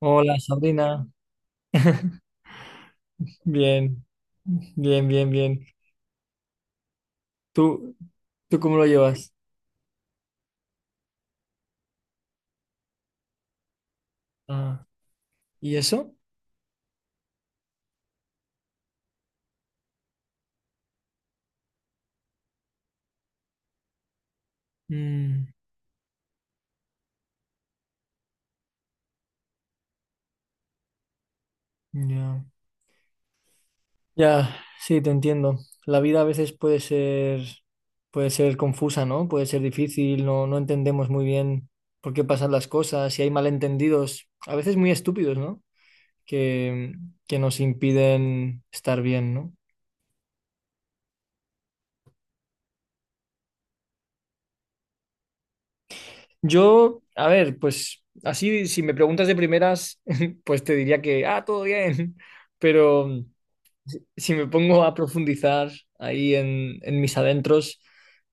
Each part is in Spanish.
Hola, Sabrina. Bien, bien, bien, bien. ¿Tú, tú cómo lo llevas? Ah, ¿y eso? Mm, ya. Ya, sí, te entiendo. La vida a veces puede ser confusa, ¿no? Puede ser difícil, no entendemos muy bien por qué pasan las cosas y hay malentendidos, a veces muy estúpidos, ¿no? Que, que nos impiden estar bien, ¿no? Yo, a ver, pues así, si me preguntas de primeras, pues te diría que, todo bien, pero si me pongo a profundizar ahí en mis adentros,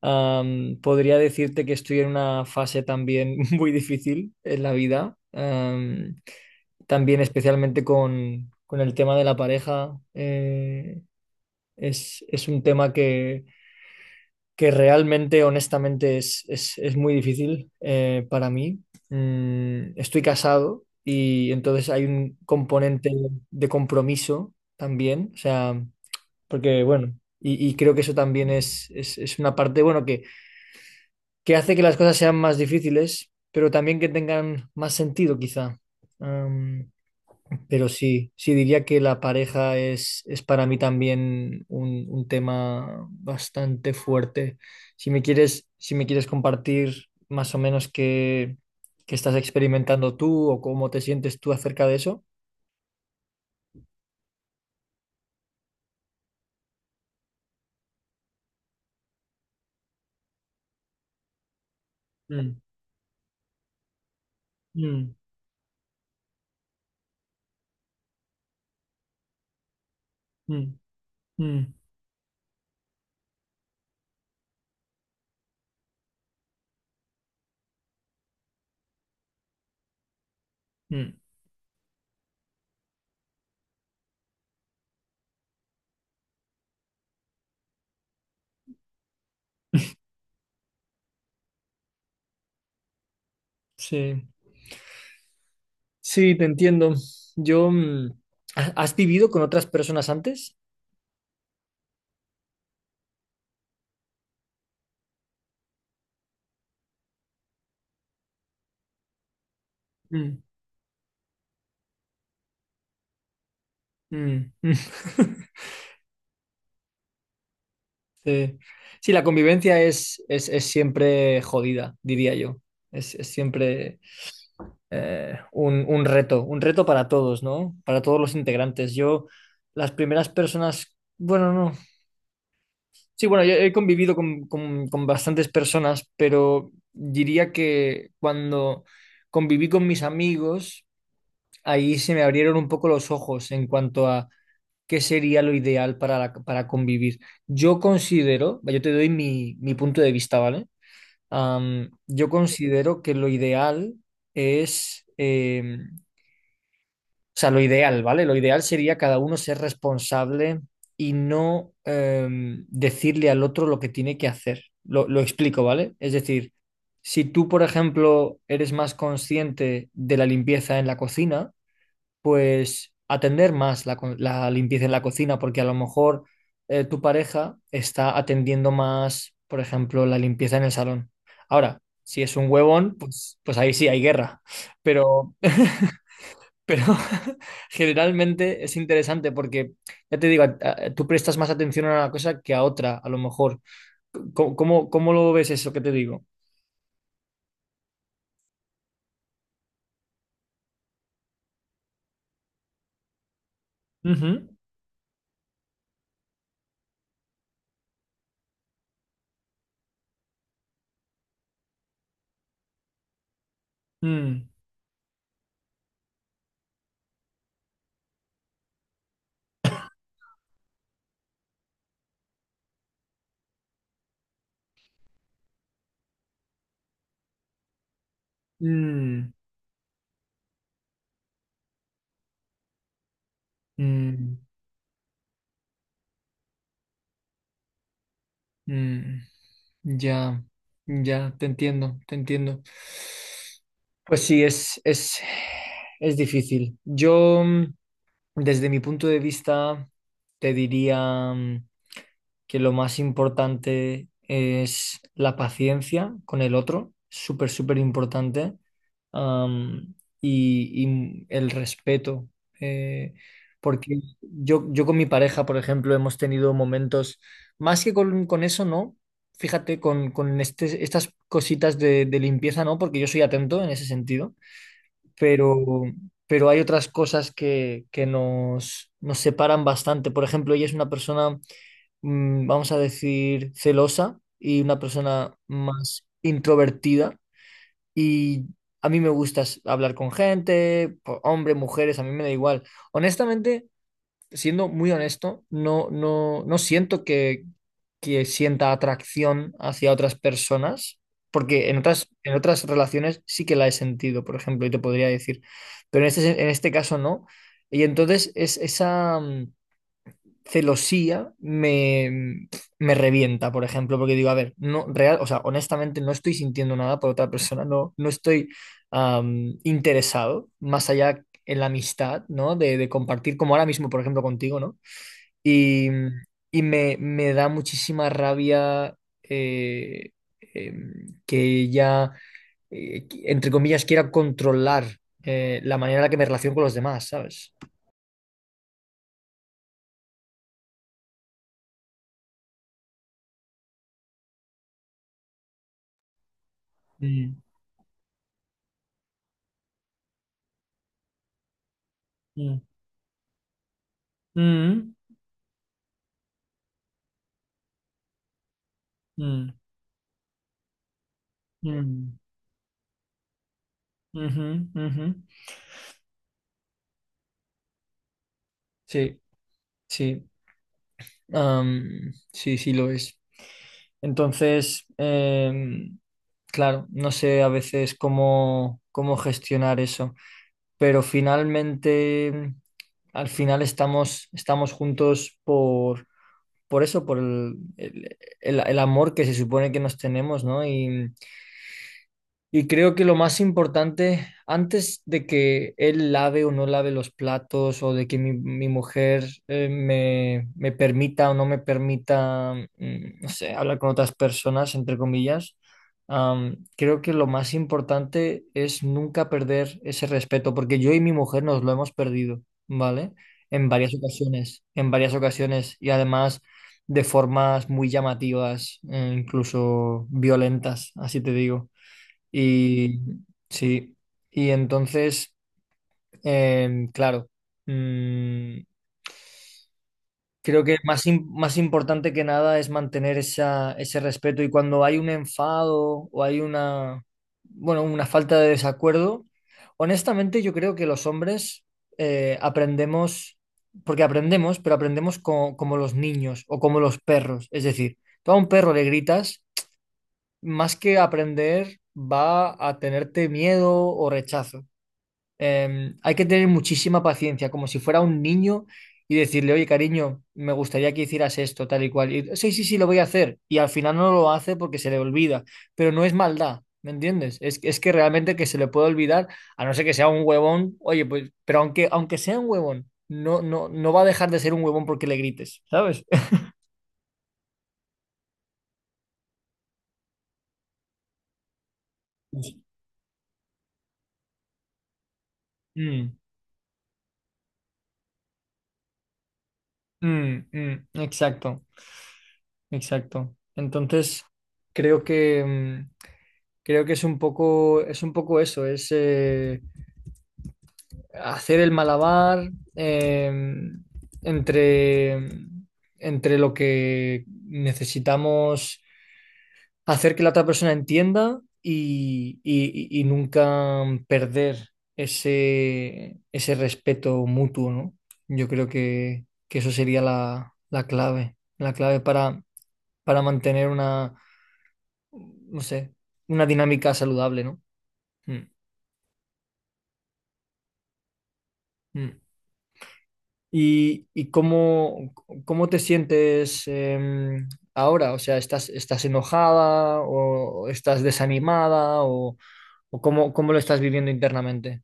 podría decirte que estoy en una fase también muy difícil en la vida, también especialmente con el tema de la pareja, es un tema que realmente, honestamente, es muy difícil para mí. Mm, estoy casado y entonces hay un componente de compromiso también, o sea, porque bueno, y creo que eso también es una parte, bueno, que hace que las cosas sean más difíciles, pero también que tengan más sentido, quizá. Pero sí, sí diría que la pareja es para mí también un tema bastante fuerte. Si me quieres compartir más o menos qué estás experimentando tú o cómo te sientes tú acerca de eso. Mm, mm, mm, mm, mm. Sí, sí, te entiendo. Yo, mm, ¿has vivido con otras personas antes? Mm, mm, mm. Sí, sí, la convivencia es siempre jodida, diría yo. Es siempre un reto para todos, ¿no? Para todos los integrantes. Yo, las primeras personas, bueno, no. Sí, bueno, yo he convivido con bastantes personas, pero diría que cuando conviví con mis amigos, ahí se me abrieron un poco los ojos en cuanto a qué sería lo ideal para, para convivir. Yo considero, yo te doy mi punto de vista, ¿vale? Yo considero que lo ideal es, o sea, lo ideal, ¿vale? Lo ideal sería cada uno ser responsable y no decirle al otro lo que tiene que hacer. Lo explico, ¿vale? Es decir, si tú, por ejemplo, eres más consciente de la limpieza en la cocina, pues atender más la limpieza en la cocina, porque a lo mejor tu pareja está atendiendo más, por ejemplo, la limpieza en el salón. Ahora, si es un huevón, pues, pues ahí sí hay guerra, pero, pero generalmente es interesante porque, ya te digo, tú prestas más atención a una cosa que a otra, a lo mejor. ¿Cómo lo ves eso que te digo? Ujú. Mm, mm, mm, mm. Ya, ya, te entiendo, te entiendo. Pues sí, es difícil. Yo, mm, desde mi punto de vista, te diría. Mm, que lo más importante es la paciencia con el otro, súper, súper importante, am, y, y el respeto. eh, porque yo con mi pareja, por ejemplo, hemos tenido momentos, más que con eso, ¿no? Fíjate, con estas cositas de limpieza, ¿no? Porque yo soy atento en ese sentido pero, pero hay otras cosas que nos separan bastante. Por ejemplo, ella es una persona, mm, vamos a decir, celosa y una persona más introvertida. Y a mí me gusta hablar con gente, hombre, mujeres, a mí me da igual. Honestamente, siendo muy honesto, no siento que sienta atracción hacia otras personas, porque en otras relaciones sí que la he sentido, por ejemplo, y te podría decir, pero en este caso no. Y entonces es, esa celosía me revienta, por ejemplo, porque digo, a ver, no, real, o sea, honestamente no estoy sintiendo nada por otra persona, no estoy interesado, más allá en la amistad, ¿no? De compartir, como ahora mismo, por ejemplo, contigo, ¿no? Y, y me da muchísima rabia eh, que ella, entre comillas, quiera controlar la manera en la que me relaciono con los demás, ¿sabes? Mm, mm, mm, mm, mm, ujú, ujú. Sí, sí, sí, sí lo es. Entonces, em, claro, no sé a veces cómo gestionar eso. Pero finalmente, al final estamos, estamos juntos por eso, por el amor que se supone que nos tenemos, ¿no? Y creo que lo más importante, antes de que él lave o no lave los platos, o de que mi mujer me permita o no me permita, mm, no sé, hablar con otras personas, entre comillas, creo que lo más importante es nunca perder ese respeto, porque yo y mi mujer nos lo hemos perdido, ¿vale? En varias ocasiones, y además de formas muy llamativas, incluso violentas, así te digo. Y sí, y entonces, claro, mm, creo que más importante que nada es mantener esa, ese respeto y cuando hay un enfado o hay una, bueno, una falta de desacuerdo, honestamente yo creo que los hombres aprendemos, porque aprendemos, pero aprendemos como los niños o como los perros, es decir, tú a un perro le gritas, más que aprender, va a tenerte miedo o rechazo. Hay que tener muchísima paciencia, como si fuera un niño y decirle, oye, cariño, me gustaría que hicieras esto, tal y cual. Y, sí, sí, sí, lo voy a hacer. Y al final no lo hace porque se le olvida, pero no es maldad, ¿me entiendes? Es que realmente que se le puede olvidar, a no ser que sea un huevón, oye, pues, pero aunque, aunque sea un huevón, no, no, no va a dejar de ser un huevón porque le grites, ¿sabes? Mm, mm, mm, exacto, exacto. Entonces, creo que... mm, creo que es un poco eso, es hacer el malabar eh, entre, entre lo que necesitamos hacer que la otra persona entienda y nunca perder ese respeto mutuo, ¿no? Yo creo que eso sería la clave para mantener una, no sé, una dinámica saludable, ¿no? Mm, mm. ¿Y cómo te sientes ahora? O sea, ¿estás, estás enojada o estás desanimada o cómo lo estás viviendo internamente?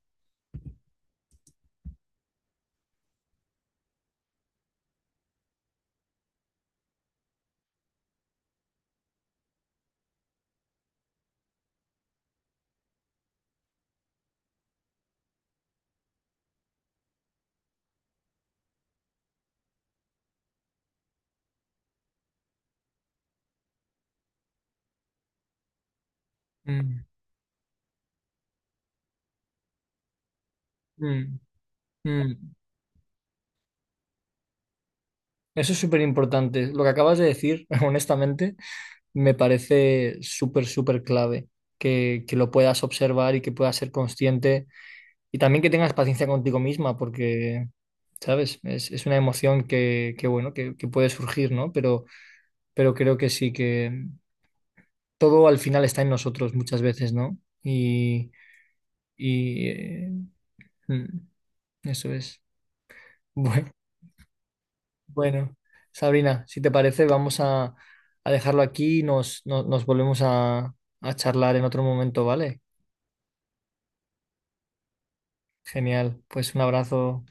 Mm, mm, mm. Eso es súper importante. Lo que acabas de decir, honestamente, me parece súper, súper clave que lo puedas observar y que puedas ser consciente y también que tengas paciencia contigo misma porque, ¿sabes? Es una emoción bueno, que puede surgir, ¿no? Pero creo que sí que todo al final está en nosotros muchas veces, ¿no? Y, eh, mm, eso es. Bueno, bueno, Sabrina, si te parece, vamos a dejarlo aquí y nos, nos volvemos a charlar en otro momento, ¿vale? Genial, pues un abrazo.